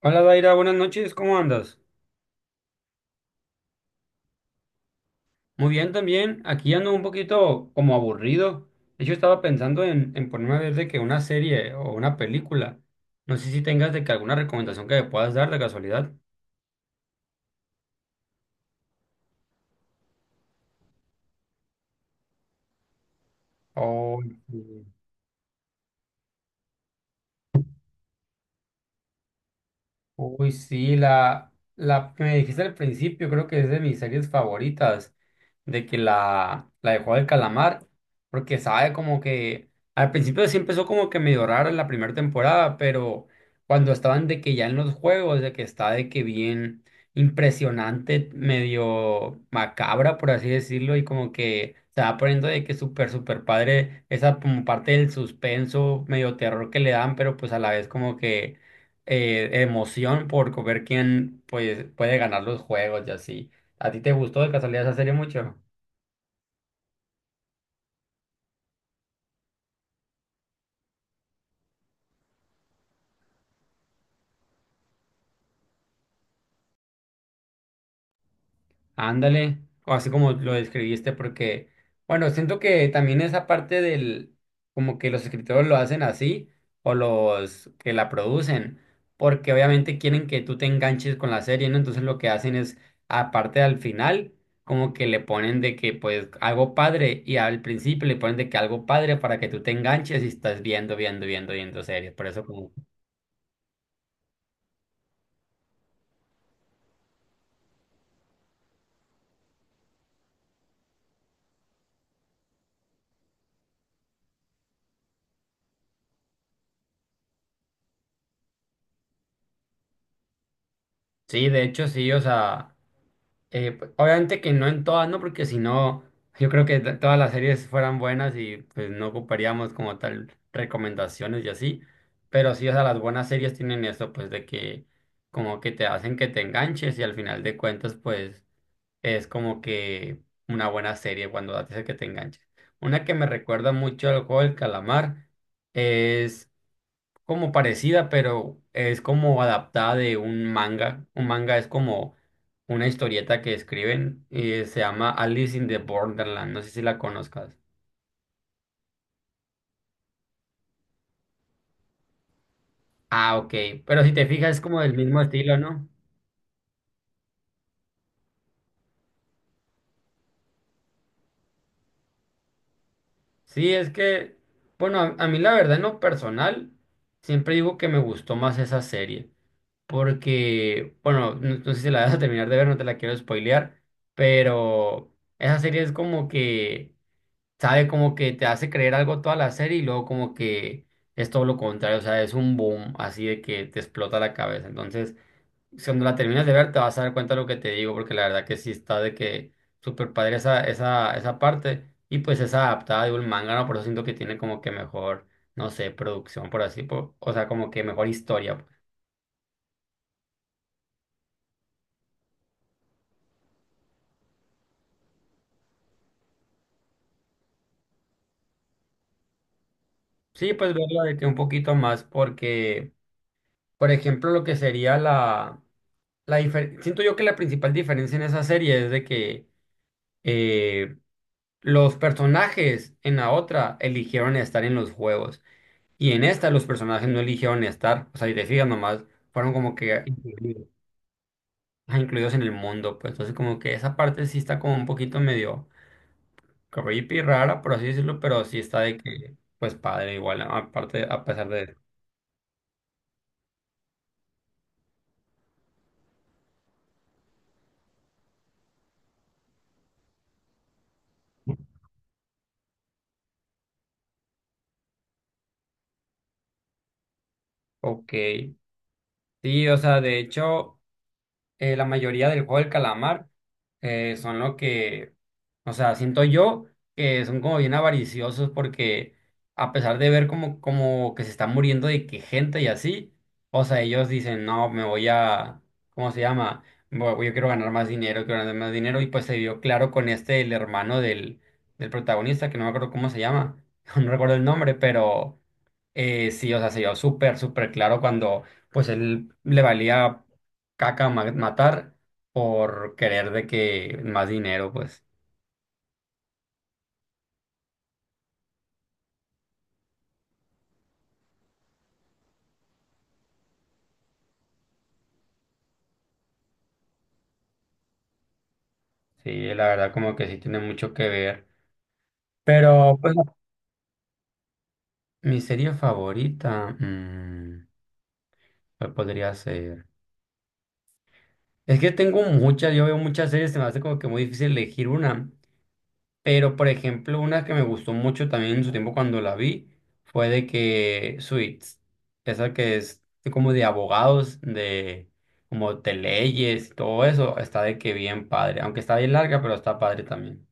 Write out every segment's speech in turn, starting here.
Hola, Daira, buenas noches, ¿cómo andas? Muy bien también, aquí ando un poquito como aburrido. De hecho, estaba pensando en ponerme a ver de que una serie o una película. No sé si tengas de que alguna recomendación que me puedas dar de casualidad. Oh, sí. Uy, sí, la que me dijiste al principio, creo que es de mis series favoritas, de que la de Juego del Calamar, porque sabe como que al principio sí empezó como que medio raro en la primera temporada, pero cuando estaban de que ya en los juegos, de que está de que bien impresionante, medio macabra, por así decirlo, y como que se va poniendo de que súper, súper padre, esa como parte del suspenso, medio terror que le dan, pero pues a la vez como que emoción por ver quién pues, puede ganar los juegos y así. ¿A ti te gustó de casualidad esa serie mucho? Ándale, o así como lo describiste, porque, bueno, siento que también esa parte del, como que los escritores lo hacen así, o los que la producen, porque obviamente quieren que tú te enganches con la serie, ¿no? Entonces lo que hacen es, aparte al final, como que le ponen de que, pues, algo padre, y al principio le ponen de que algo padre para que tú te enganches y estás viendo, viendo, viendo, viendo series. Por eso como, sí, de hecho sí, o sea... pues, obviamente que no en todas, ¿no? Porque si no, yo creo que todas las series fueran buenas y pues no ocuparíamos como tal recomendaciones y así. Pero sí, o sea, las buenas series tienen eso, pues de que como que te hacen que te enganches y al final de cuentas, pues es como que una buena serie cuando hace que te enganches. Una que me recuerda mucho al juego del calamar es como parecida, pero es como adaptada de un manga. Un manga es como una historieta que escriben y se llama Alice in the Borderland. No sé si la conozcas. Ah, ok. Pero si te fijas, es como del mismo estilo, ¿no? Sí, es que, bueno, a mí la verdad en lo personal, siempre digo que me gustó más esa serie. Porque, bueno, no sé si la vas a terminar de ver, no te la quiero spoilear, pero esa serie es como que sabe como que te hace creer algo toda la serie y luego como que es todo lo contrario, o sea, es un boom así de que te explota la cabeza. Entonces, si cuando la terminas de ver te vas a dar cuenta de lo que te digo, porque la verdad que sí está de que súper padre esa esa parte y pues es adaptada de un manga, ¿no? Por eso siento que tiene como que mejor, no sé, producción, por así, o sea, como que mejor historia. Pues. Sí, pues verla de que un poquito más porque, por ejemplo, lo que sería la... Siento yo que la principal diferencia en esa serie es de que eh, los personajes en la otra eligieron estar en los juegos y en esta los personajes no eligieron estar, o sea, y te fijas nomás, fueron como que incluidos, ah, incluidos en el mundo, pues entonces como que esa parte sí está como un poquito medio creepy, rara, por así decirlo, pero sí está de que, pues padre igual, aparte, a pesar de... Ok, sí, o sea, de hecho... la mayoría del juego del calamar son lo que, o sea, siento yo que son como bien avariciosos porque a pesar de ver como que se está muriendo de que gente y así, o sea, ellos dicen, no, me voy a, ¿cómo se llama? Yo quiero ganar más dinero, quiero ganar más dinero y pues se vio claro con este, el hermano del protagonista, que no me acuerdo cómo se llama, no recuerdo el nombre, pero... sí, o sea, se vio súper, súper claro cuando pues él le valía caca matar por querer de que más dinero, pues sí, la verdad como que sí tiene mucho que ver. Pero pues mi serie favorita, mm, ¿cuál podría ser? Es que tengo muchas, yo veo muchas series, se me hace como que muy difícil elegir una. Pero, por ejemplo, una que me gustó mucho también en su tiempo cuando la vi fue de que Suits, esa que es como de abogados, de como de leyes y todo eso, está de que bien padre. Aunque está bien larga, pero está padre también.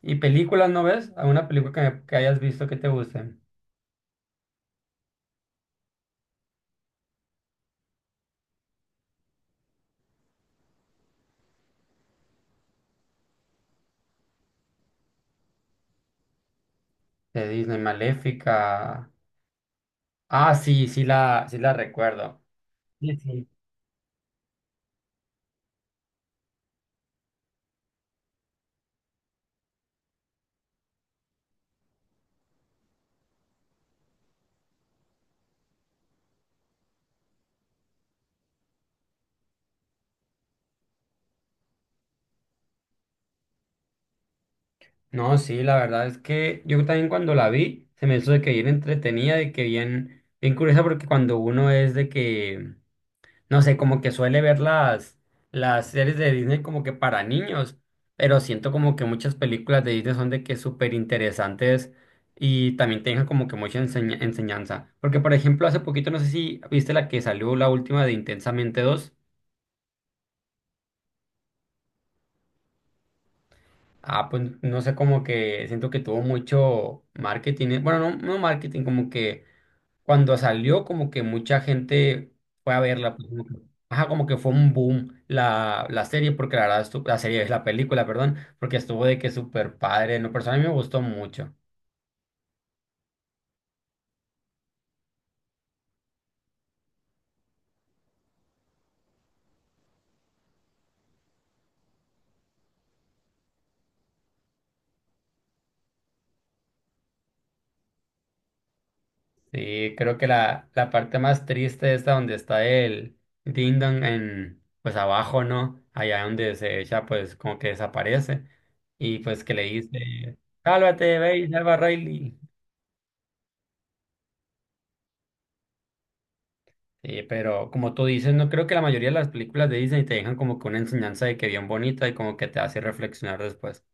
¿Y películas no ves? ¿Alguna película que, que hayas visto que te guste? De Disney, Maléfica. Ah, sí, sí la recuerdo. Sí, sí. No, sí, la verdad es que yo también cuando la vi se me hizo de que bien entretenida, de que bien, bien curiosa, porque cuando uno es de que, no sé, como que suele ver las series de Disney como que para niños, pero siento como que muchas películas de Disney son de que súper interesantes y también te dejan como que mucha enseñanza. Porque, por ejemplo, hace poquito, no sé si viste la que salió la última de Intensamente dos. Ah, pues no sé, como que siento que tuvo mucho marketing, bueno, no marketing, como que cuando salió, como que mucha gente fue a verla. Pues, como que... Ajá, como que fue un boom la serie, porque la verdad, la serie es la película, perdón, porque estuvo de que súper padre. No, persona a mí me gustó mucho. Sí, creo que la parte más triste es la donde está el Ding Dong en, pues abajo, ¿no? Allá donde se echa, pues como que desaparece. Y pues que le dice, sálvate, ve y salva a Riley. Sí, pero como tú dices, no creo que la mayoría de las películas de Disney te dejan como que una enseñanza de que bien bonita y como que te hace reflexionar después.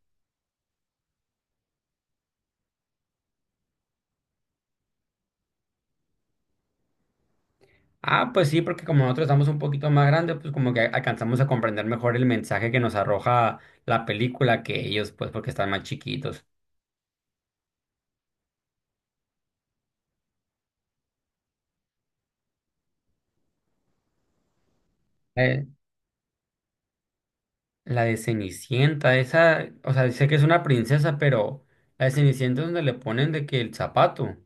Ah, pues sí, porque como nosotros estamos un poquito más grandes, pues como que alcanzamos a comprender mejor el mensaje que nos arroja la película que ellos, pues porque están más chiquitos. Eh, la de Cenicienta, esa, o sea, sé que es una princesa, pero la de Cenicienta es donde le ponen de que el zapato.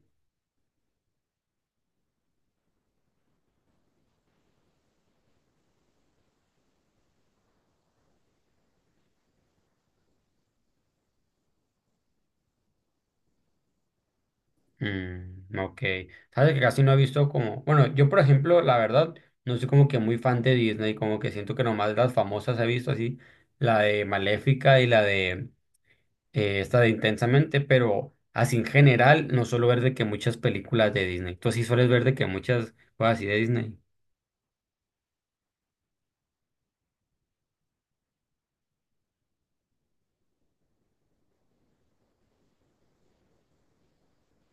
Mm, ok. Sabes que casi no he visto como, bueno, yo por ejemplo, la verdad, no soy como que muy fan de Disney, como que siento que nomás las famosas he visto así, la de Maléfica y la de esta de Intensamente, pero así en general no suelo ver de que muchas películas de Disney. Tú sí sueles ver de que muchas cosas así de Disney.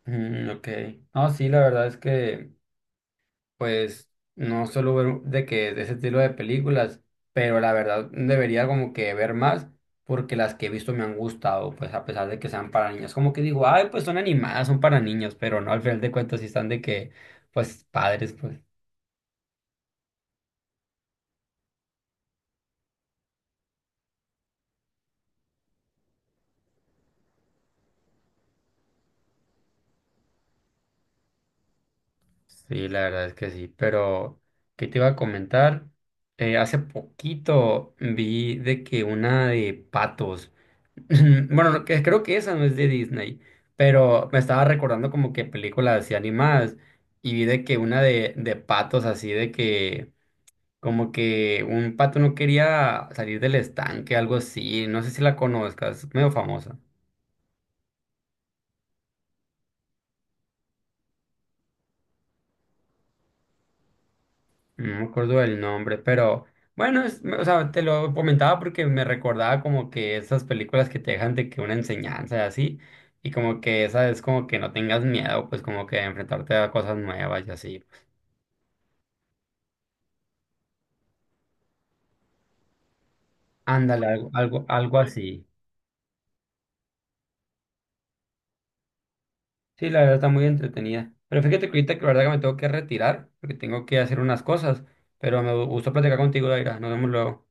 Mm, ok. No, sí, la verdad es que pues no solo ver de que de ese estilo de películas, pero la verdad debería como que ver más porque las que he visto me han gustado, pues a pesar de que sean para niños. Como que digo, ay, pues son animadas, son para niños, pero no, al final de cuentas sí están de que, pues padres, pues. Sí, la verdad es que sí, pero ¿qué te iba a comentar? Hace poquito vi de que una de patos. Bueno, no, que, creo que esa no es de Disney, pero me estaba recordando como que películas así animadas y vi de que una de patos así de que como que un pato no quería salir del estanque, algo así, no sé si la conozcas, medio famosa, no me acuerdo del nombre, pero bueno, o sea, te lo comentaba porque me recordaba como que esas películas que te dejan de que una enseñanza y así, y como que esa es como que no tengas miedo, pues como que enfrentarte a cosas nuevas y así. Ándale, algo, algo, algo así. Sí, la verdad está muy entretenida. Pero fíjate que ahorita que la verdad que me tengo que retirar, porque tengo que hacer unas cosas. Pero me gustó platicar contigo, Daira. Nos vemos luego.